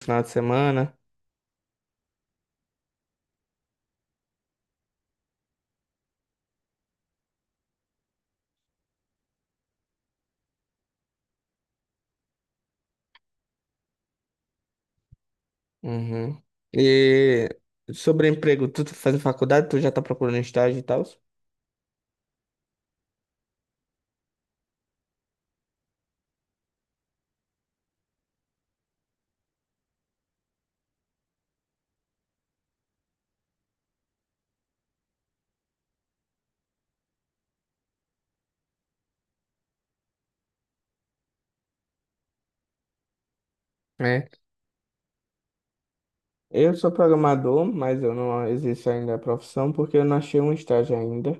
Final de semana. Uhum. E sobre emprego, tu tá fazendo faculdade, tu já tá procurando estágio e tal? É. Eu sou programador, mas eu não exerço ainda a profissão porque eu não achei um estágio ainda.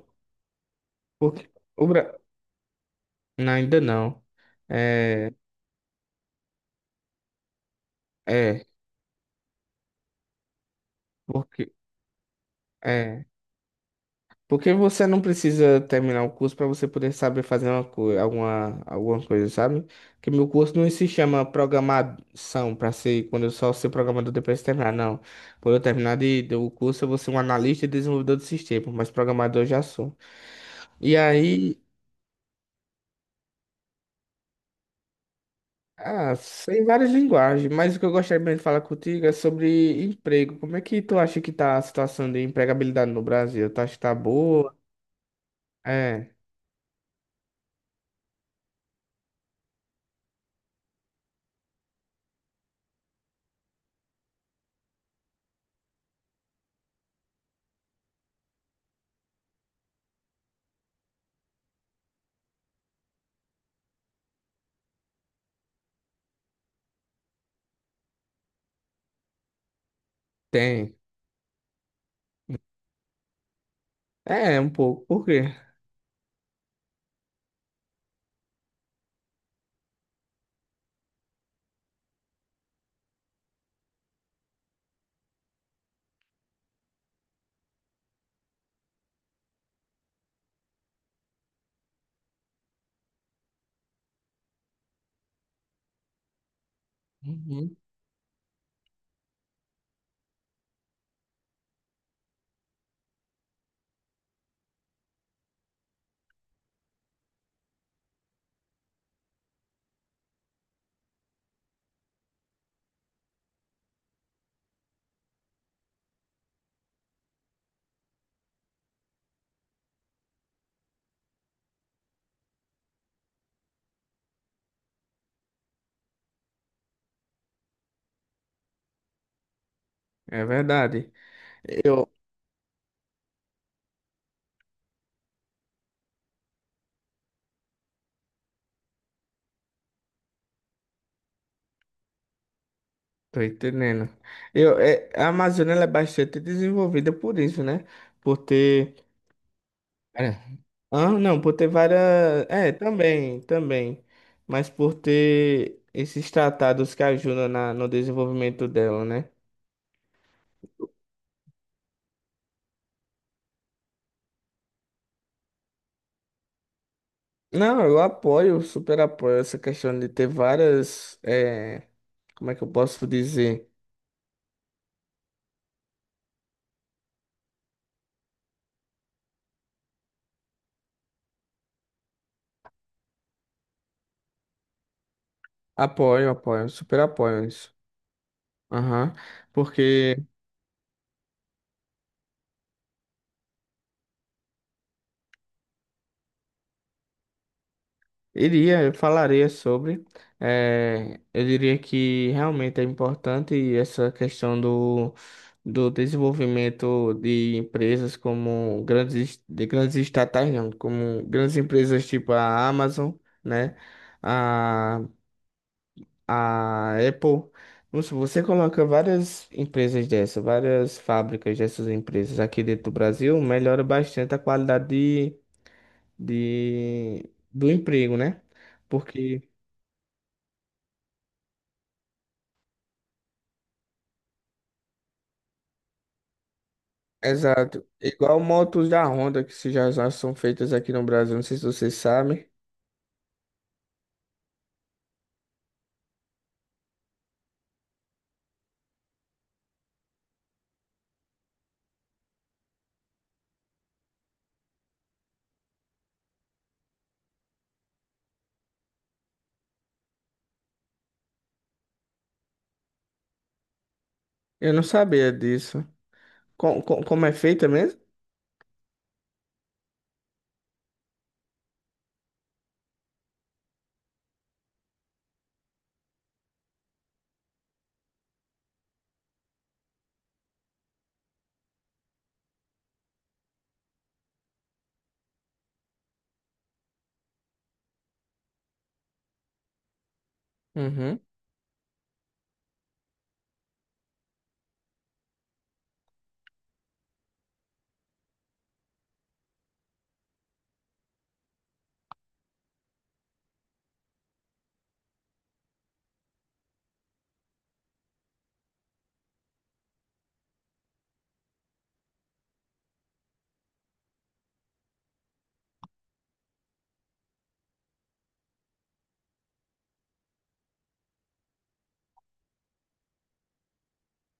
Porque o Bra... Não, ainda não. É, é, porque é. Porque você não precisa terminar o curso para você poder saber fazer uma coisa, alguma coisa, sabe? Porque meu curso não se chama programação para ser quando eu só ser programador depois de terminar, não. Quando eu terminar do curso, eu vou ser um analista e desenvolvedor de sistema, mas programador eu já sou. E aí, ah, tem várias linguagens, mas o que eu gostaria mesmo de falar contigo é sobre emprego. Como é que tu acha que tá a situação de empregabilidade no Brasil? Tu acha que tá boa? É, tem. É, um pouco. Por quê? É verdade. Eu tô entendendo. A Amazônia ela é bastante desenvolvida por isso, né? Por ter. É. Ah, não, por ter várias. É, também, também. Mas por ter esses tratados que ajudam na, no desenvolvimento dela, né? Não, eu apoio, super apoio essa questão de ter várias. Como é que eu posso dizer? Apoio, apoio, super apoio isso. Aham. Porque. Iria, eu falaria sobre. Eu diria que realmente é importante essa questão do desenvolvimento de empresas como grandes, de grandes estatais, não, como grandes empresas tipo a Amazon, né? A, a Apple. Não sei, você coloca várias empresas dessas, várias fábricas dessas empresas aqui dentro do Brasil, melhora bastante a qualidade do emprego, né? Porque exato. Igual motos da Honda que se já já são feitas aqui no Brasil, não sei se vocês sabem. Eu não sabia disso. Como é feita mesmo? Uhum.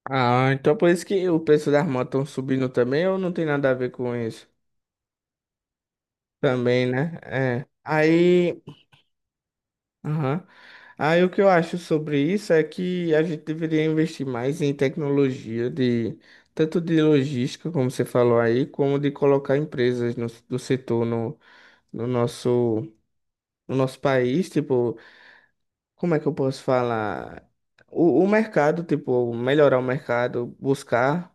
Ah, então por isso que o preço das motos estão subindo também ou não tem nada a ver com isso? Também, né? É. Aí, aham. Aí o que eu acho sobre isso é que a gente deveria investir mais em tecnologia de tanto de logística, como você falou aí, como de colocar empresas do setor no nosso no nosso país, tipo, como é que eu posso falar? O mercado, tipo, melhorar o mercado, buscar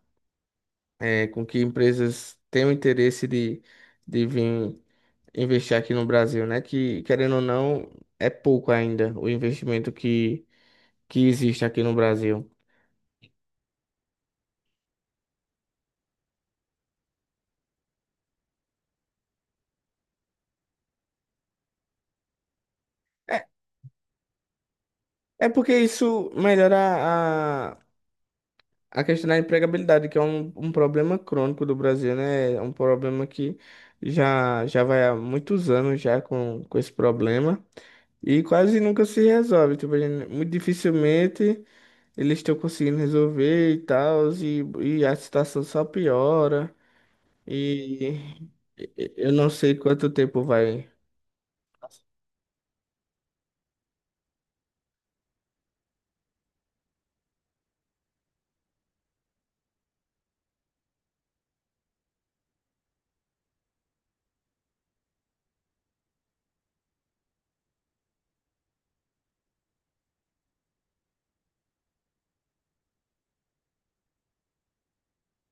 com que empresas tenham interesse de vir investir aqui no Brasil, né? Que, querendo ou não, é pouco ainda o investimento que existe aqui no Brasil. É porque isso melhora a, a questão da empregabilidade, que é um problema crônico do Brasil, né? É um problema que já vai há muitos anos já com esse problema. E quase nunca se resolve. Tipo, a gente- muito dificilmente eles estão conseguindo resolver e tal, e a situação só piora. E eu não sei quanto tempo vai.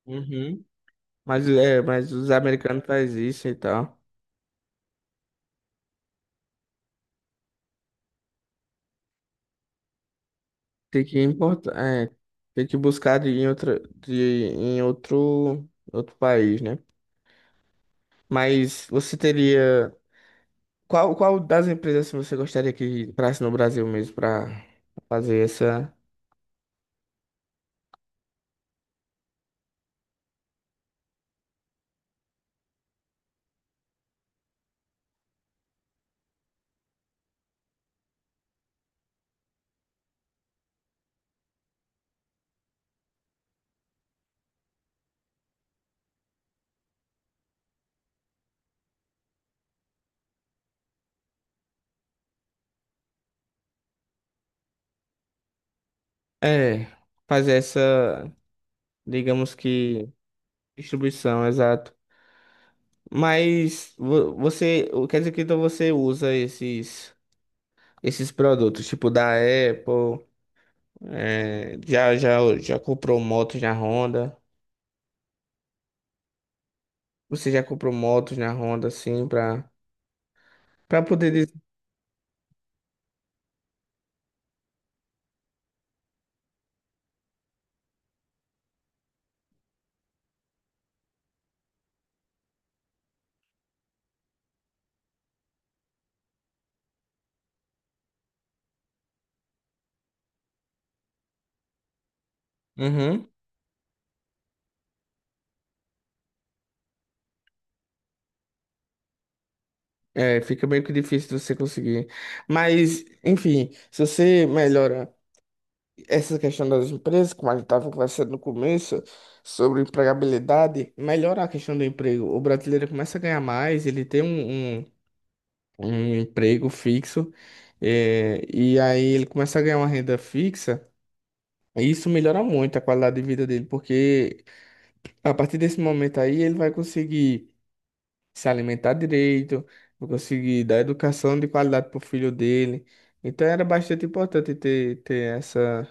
Uhum. Mas, é, mas os americanos fazem isso e tal. Tem que importar, é, tem que buscar em outra, em outro, outro país, né? Mas você teria. Qual, qual das empresas assim, você gostaria que entrasse no Brasil mesmo para fazer essa. É, fazer essa, digamos que, distribuição, exato. Mas você, o- quer dizer que então você usa esses, esses produtos, tipo da Apple, já comprou motos na Honda, você já comprou motos na Honda, assim, pra poder dizer... Uhum. É, fica meio que difícil de você conseguir. Mas, enfim, se você melhora essa questão das empresas, como a gente estava conversando no começo, sobre empregabilidade, melhora a questão do emprego. O brasileiro começa a ganhar mais, ele tem um emprego fixo, e aí ele começa a ganhar uma renda fixa, e isso melhora muito a qualidade de vida dele, porque a partir desse momento aí ele vai conseguir se alimentar direito, vai conseguir dar educação de qualidade para o filho dele. Então era bastante importante ter, ter essa.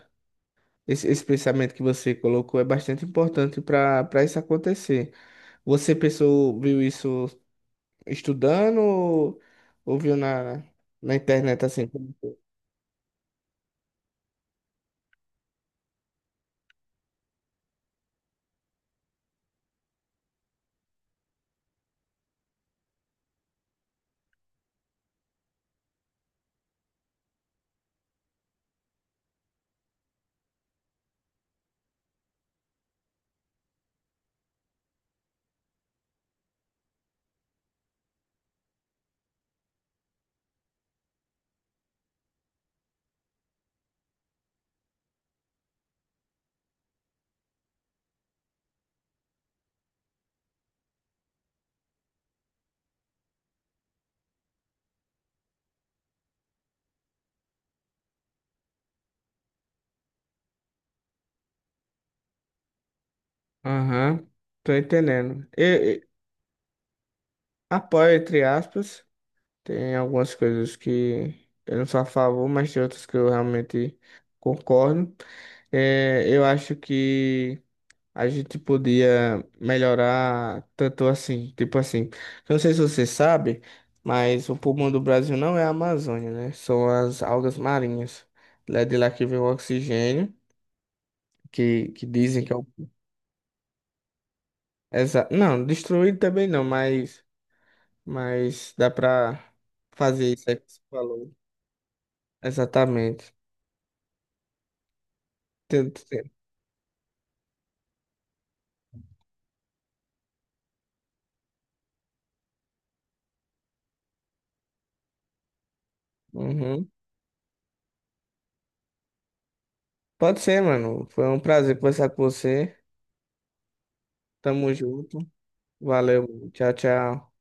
Esse pensamento que você colocou é bastante importante para para isso acontecer. Você pensou, viu isso estudando ou viu na, na internet assim? Aham, tô entendendo. Eu apoio, entre aspas. Tem algumas coisas que eu não sou a favor, mas tem outras que eu realmente concordo. É, eu acho que a gente podia melhorar tanto assim, tipo assim. Eu não sei se você sabe, mas o pulmão do Brasil não é a Amazônia, né? São as algas marinhas. Lá de lá que vem o oxigênio, que dizem que é o. Exa... Não, destruído também não, mas dá pra fazer isso aí que você falou. Exatamente. Tanto tempo. Uhum. Pode ser, mano. Foi um prazer conversar com você. Tamo junto. Valeu. Tchau, tchau.